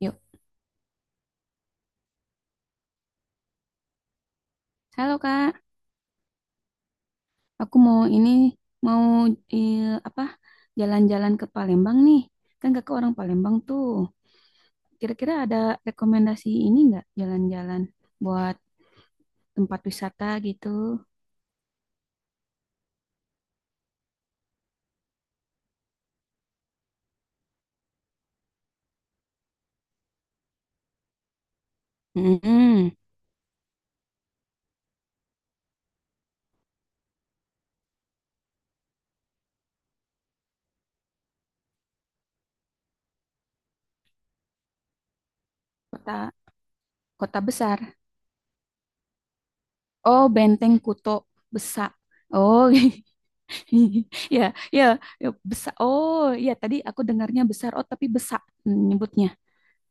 Yuk. Halo Kak, aku mau ini mau eh, apa jalan-jalan ke Palembang nih. Kan Kakak orang Palembang tuh. Kira-kira ada rekomendasi ini nggak jalan-jalan buat tempat wisata gitu? Mm-mm. Kota kota besar. Oh, Benteng Kuto Besak. Oh, ya, ya, ya besar. Oh, ya tadi aku dengarnya besar. Oh, tapi besak nyebutnya.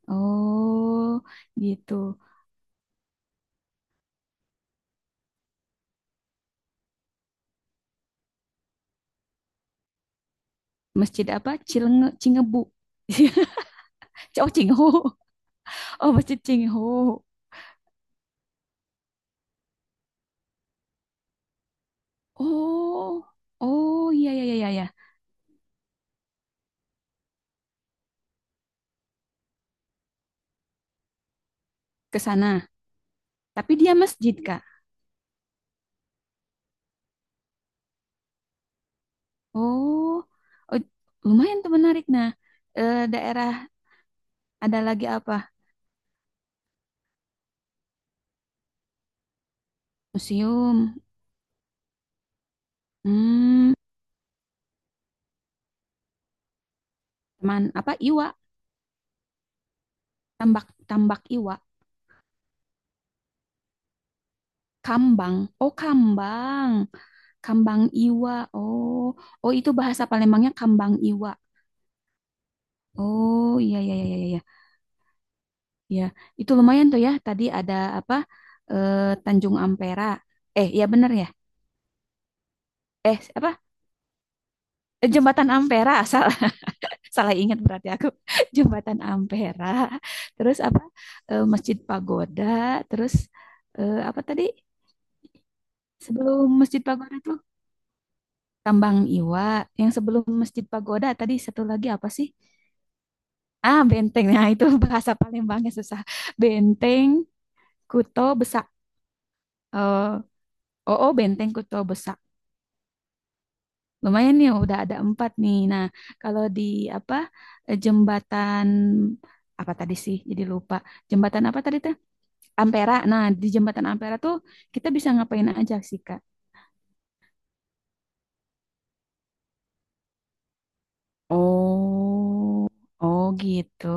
Oh, gitu. Masjid apa? Cilenge, Cingebu. Oh, Cinghu. Oh, Masjid cingho, Oh, oh iya, iya, iya, iya. iya. Ke sana. Tapi dia masjid, Kak. Oh, oh, lumayan tuh menarik. Nah, eh, daerah ada lagi apa? Museum. Hmm, teman apa? Iwa. Tambak, tambak Iwa. Kambang. Oh, kambang. Kambang Iwa. Oh, oh itu bahasa Palembangnya kambang Iwa. Oh, iya, iya, iya, iya. iya. Ya, itu lumayan tuh ya. Tadi ada apa? Eh, Tanjung Ampera. Eh, ya bener ya. Eh, apa? Eh, Jembatan Ampera. Salah, salah ingat berarti aku. Jembatan Ampera. Terus apa? Eh, Masjid Pagoda. Terus eh, apa tadi? Sebelum Masjid Pagoda tuh Tambang Iwa. Yang sebelum Masjid Pagoda tadi satu lagi apa sih? Ah, benteng. Nah, itu bahasa Palembangnya susah. Benteng, Kuto, Besak. Eh, Oh, oh, Benteng Kuto Besak. Lumayan nih, udah ada 4 nih. Nah, kalau di apa eh, jembatan apa tadi sih? Jadi lupa. Jembatan apa tadi tuh? Ampera. Nah, di jembatan Ampera tuh kita bisa ngapain aja sih, Kak? Oh, Oh gitu.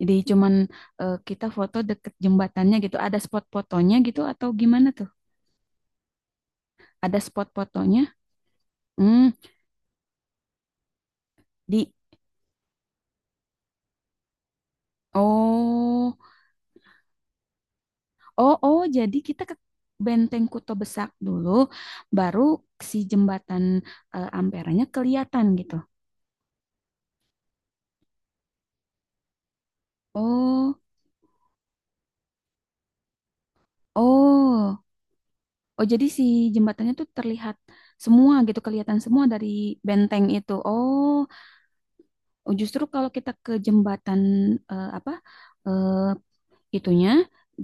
Jadi cuman eh, kita foto deket jembatannya gitu. Ada spot fotonya gitu atau gimana tuh? Ada spot fotonya? Hmm, di. Oh. Oh, oh, jadi kita ke Benteng Kuto Besak dulu, baru si jembatan eh, Amperanya kelihatan gitu. Oh, oh, oh, jadi si jembatannya tuh terlihat semua gitu, kelihatan semua dari benteng itu. Oh, oh, justru kalau kita ke jembatan eh, apa eh, itunya,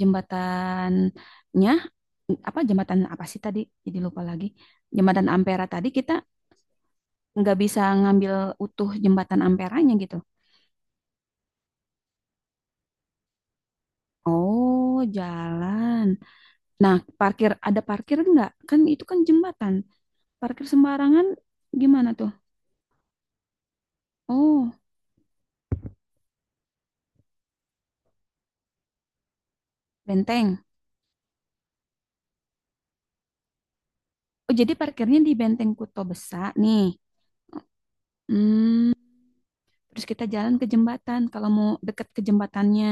jembatannya apa jembatan apa sih tadi? Jadi lupa lagi. Jembatan Ampera tadi kita nggak bisa ngambil utuh jembatan Amperanya gitu Oh, jalan. Nah, parkir ada parkir nggak? Kan itu kan jembatan. Parkir sembarangan gimana tuh? Oh, benteng. Oh, jadi parkirnya di Benteng Kuto Besar nih. Hmm, terus kita jalan ke jembatan kalau mau deket ke jembatannya.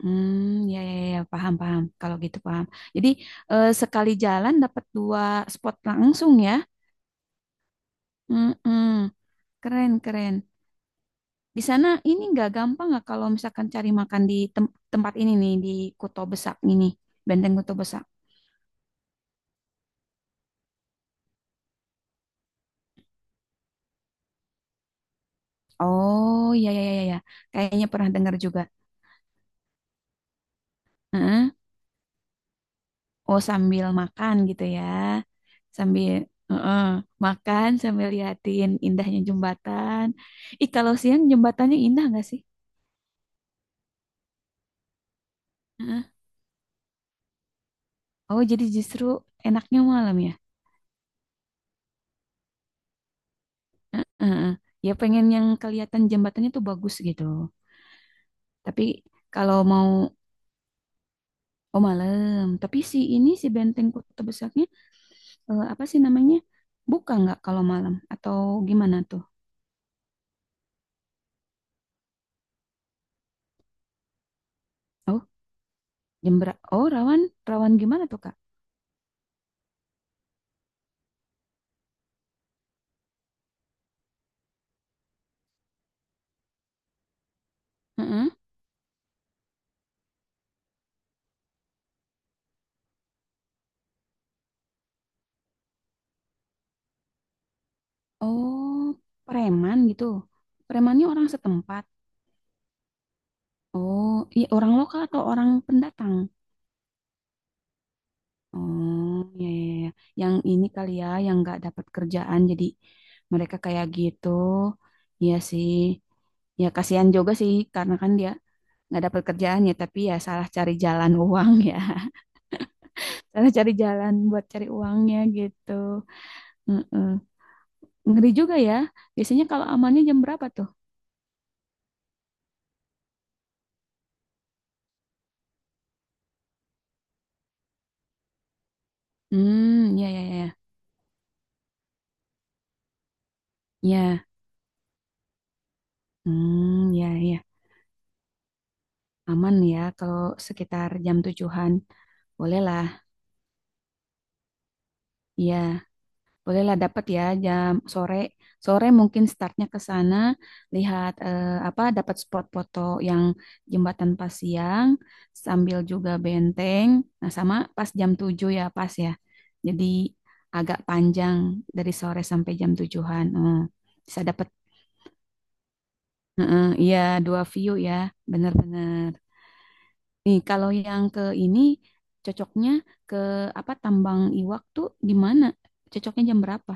Hmm, ya, ya, ya, paham, paham. Kalau gitu paham. Jadi eh, sekali jalan dapat 2 spot langsung ya. Hmm, hmm. keren, keren. Di sana ini nggak gampang nggak kalau misalkan cari makan di tem- tempat ini nih di Kuto Besak ini, Benteng Kuto Besak. Oh iya iya iya ya, kayaknya pernah dengar juga. Heeh. Oh sambil makan gitu ya, sambil heeh, makan sambil liatin indahnya jembatan. Ih kalau siang jembatannya indah nggak sih? Heeh. Oh jadi justru enaknya malam ya? Heeh. Ya pengen yang kelihatan jembatannya tuh bagus gitu. Tapi kalau mau Oh malam, tapi si ini si Benteng Kota Besarnya eh, apa sih namanya? Buka nggak kalau malam atau gimana tuh? Oh jam Oh rawan, rawan gimana tuh Kak? Heeh. Oh preman gitu. Premannya orang setempat. Oh iya orang lokal atau orang pendatang? Oh ya, iya, iya. Yang ini kali ya yang nggak dapat kerjaan jadi mereka kayak gitu. Iya sih. Ya kasihan juga sih karena kan dia nggak dapat kerjaannya tapi ya salah cari jalan uang ya salah cari jalan buat cari uangnya gitu Mm-mm. ngeri juga ya biasanya kalau amannya jam berapa tuh hmm ya ya ya ya Ya. Hmm ya ya aman ya kalau sekitar jam tujuhan bolehlah ya Bolehlah dapat ya jam sore. Sore mungkin startnya ke sana, lihat eh, apa dapat spot foto yang jembatan pas siang, sambil juga benteng. Nah, sama pas jam 7 ya, pas ya. Jadi agak panjang dari sore sampai jam 7-an. Hmm, bisa dapat Heeh, iya dua view ya, benar-benar. Nih, kalau yang ke ini cocoknya ke apa Tambang Iwak tuh di mana? Cocoknya jam berapa?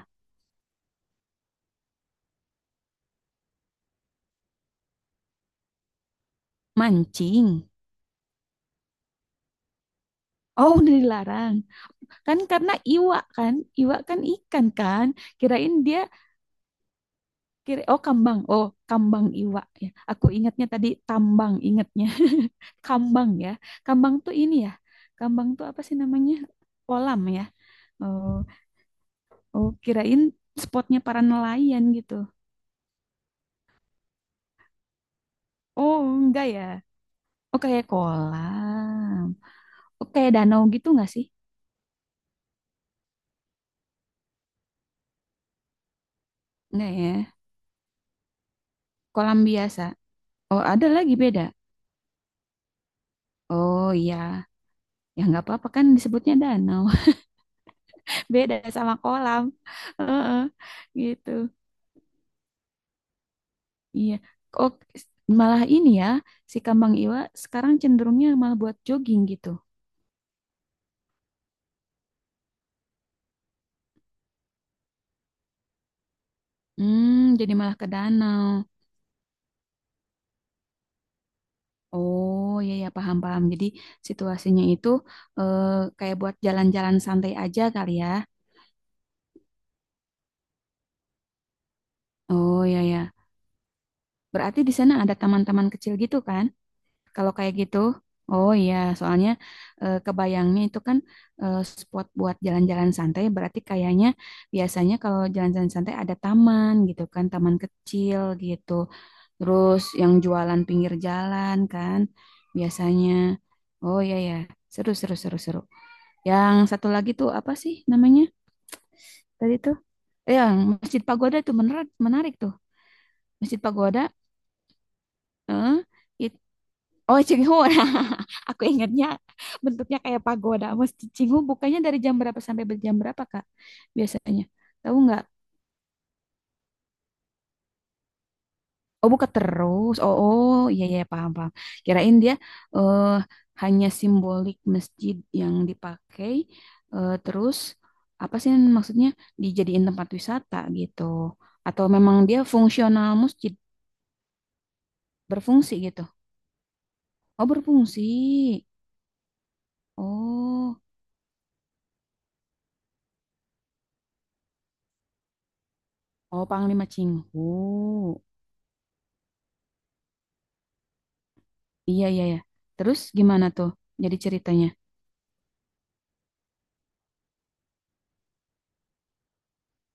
Mancing. Oh, udah dilarang. Kan karena iwa kan ikan kan. Kirain dia kira oh kambang. Oh, kambang iwa ya. Aku ingatnya tadi tambang ingatnya. Kambang ya. Kambang tuh ini ya. Kambang tuh apa sih namanya? Kolam ya. Oh, oh kirain spotnya para nelayan gitu. Oh, enggak ya. Oh, kayak kolam. Oh, kayak danau gitu enggak sih? Enggak ya. Kolam biasa. Oh, ada lagi beda. Oh, iya. Ya nggak apa-apa kan disebutnya danau. Beda sama kolam. Heeh, gitu. Iya. Oh, malah ini ya, si Kambang Iwa sekarang cenderungnya malah buat jogging gitu. Hmm, jadi malah ke danau. Oh, iya ya paham-paham. Jadi situasinya itu eh, kayak buat jalan-jalan santai aja kali ya. Oh, iya ya. Berarti di sana ada taman-taman kecil gitu kan? Kalau kayak gitu, oh iya, soalnya eh, kebayangnya itu kan eh, spot buat jalan-jalan santai, berarti kayaknya biasanya kalau jalan-jalan santai ada taman gitu kan, taman kecil gitu. Terus yang jualan pinggir jalan kan, biasanya. Oh iya ya, seru seru seru seru. Yang satu lagi tuh apa sih namanya tadi tuh? Eh, Yang Masjid Pagoda tuh menarik menarik tuh. Masjid Pagoda, eh, it- Oh, Cinghu. Nah, aku ingatnya bentuknya kayak pagoda. Masjid Cinghu bukanya dari jam berapa sampai ber- jam berapa, Kak? Biasanya. Tahu nggak? Oh, buka terus. Oh, oh, iya iya paham paham. Kirain dia eh hanya simbolik masjid yang dipakai eh, terus apa sih maksudnya dijadiin tempat wisata gitu. Atau memang dia fungsional masjid, berfungsi gitu. Oh, berfungsi. Oh, oh Panglima Cinghu. Iya, iya, ya. Terus gimana tuh? Jadi ceritanya.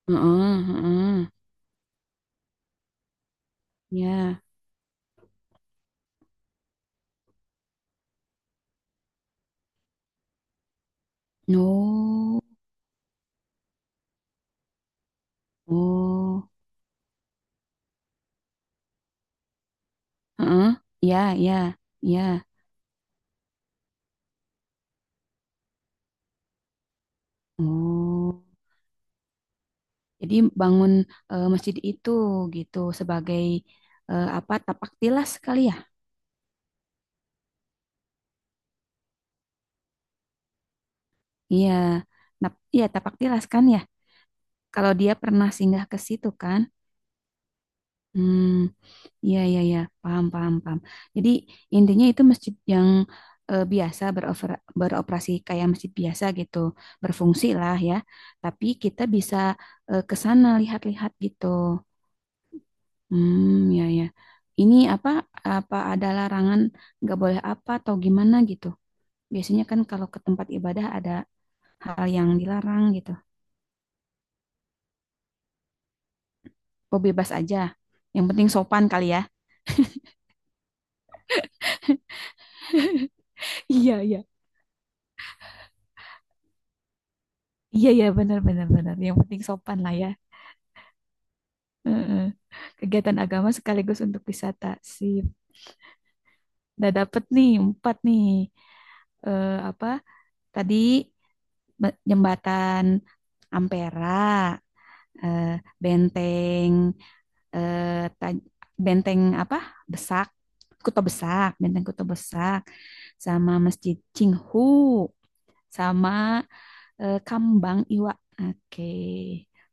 Heeh, heeh. Ya. No. Oh. Heeh. Ya, ya, ya. Oh. Jadi bangun eh, masjid itu gitu sebagai eh, apa? Tapak tilas kali ya? Iya. Nap- Iya, tapak tilas kan ya. Kalau dia pernah singgah ke situ kan. Hmm. Iya, iya, iya, paham, paham, paham. Jadi intinya itu masjid yang eh, biasa berover- beroperasi kayak masjid biasa gitu, berfungsi lah ya. Tapi kita bisa eh, ke sana lihat-lihat gitu. Hmm, ya, ya. Ini apa? Apa ada larangan nggak boleh apa atau gimana gitu? Biasanya kan kalau ke tempat ibadah ada hal yang dilarang gitu. Oh, bebas aja. Yang penting sopan kali ya. Iya, iya. Iya, iya, benar, benar, benar. Yang penting sopan lah ya. Heeh. Kegiatan agama sekaligus untuk wisata. Sip. Udah dapet nih, 4 nih. Eh, apa tadi be- jembatan Ampera, eh, benteng, eh, taj- benteng apa? Besak, Kuto Besak, benteng Kuto Besak, sama Masjid Cinghu, sama eh, Kambang Iwa. Oke,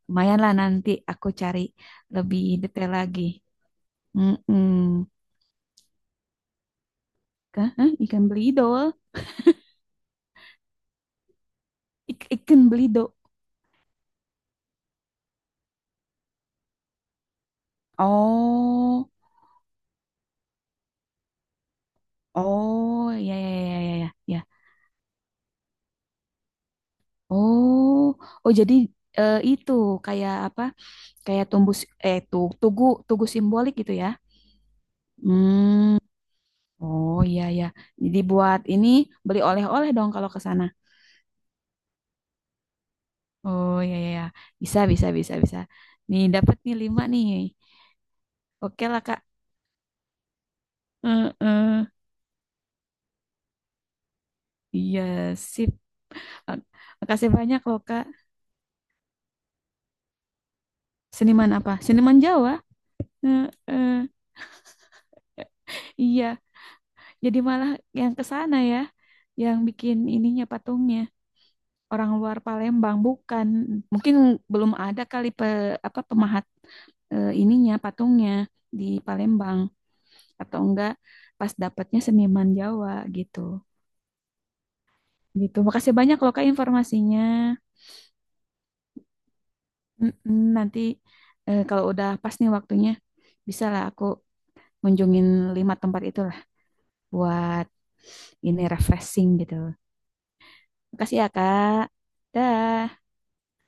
Lumayan lah nanti aku cari lebih detail lagi. Mm-mm. Hah? Hah? Ikan belidol? Ik- ikan belidol. Oh, oh, ya, ya, ya, ya, ya, ya. Oh, oh, jadi eh, itu kayak apa? Kayak tumbuh, si- eh, tuh, tugu, tugu simbolik gitu ya? Hmm, oh, iya, ya. Jadi buat ini beli oleh-oleh dong kalau ke sana. Oh, ya, ya, ya. Bisa, bisa, bisa, bisa. Nih, dapat nih 5 nih. Oke lah, Kak. Eh, eh. Iya, sip. Mak- Makasih banyak loh, Kak. Seniman apa? Seniman Jawa. Eh, eh, iya, jadi malah yang ke sana ya, yang bikin ininya patungnya orang luar Palembang bukan. Mungkin belum ada kali pe, apa pemahat eh, ininya patungnya di Palembang atau enggak pas dapatnya seniman Jawa gitu. Gitu. Makasih banyak loh Kak informasinya. Mm-mm, nanti eh, kalau udah pas nih waktunya bisa lah aku kunjungin 5 tempat itu buat ini refreshing gitu. Makasih ya, Kak. Dah.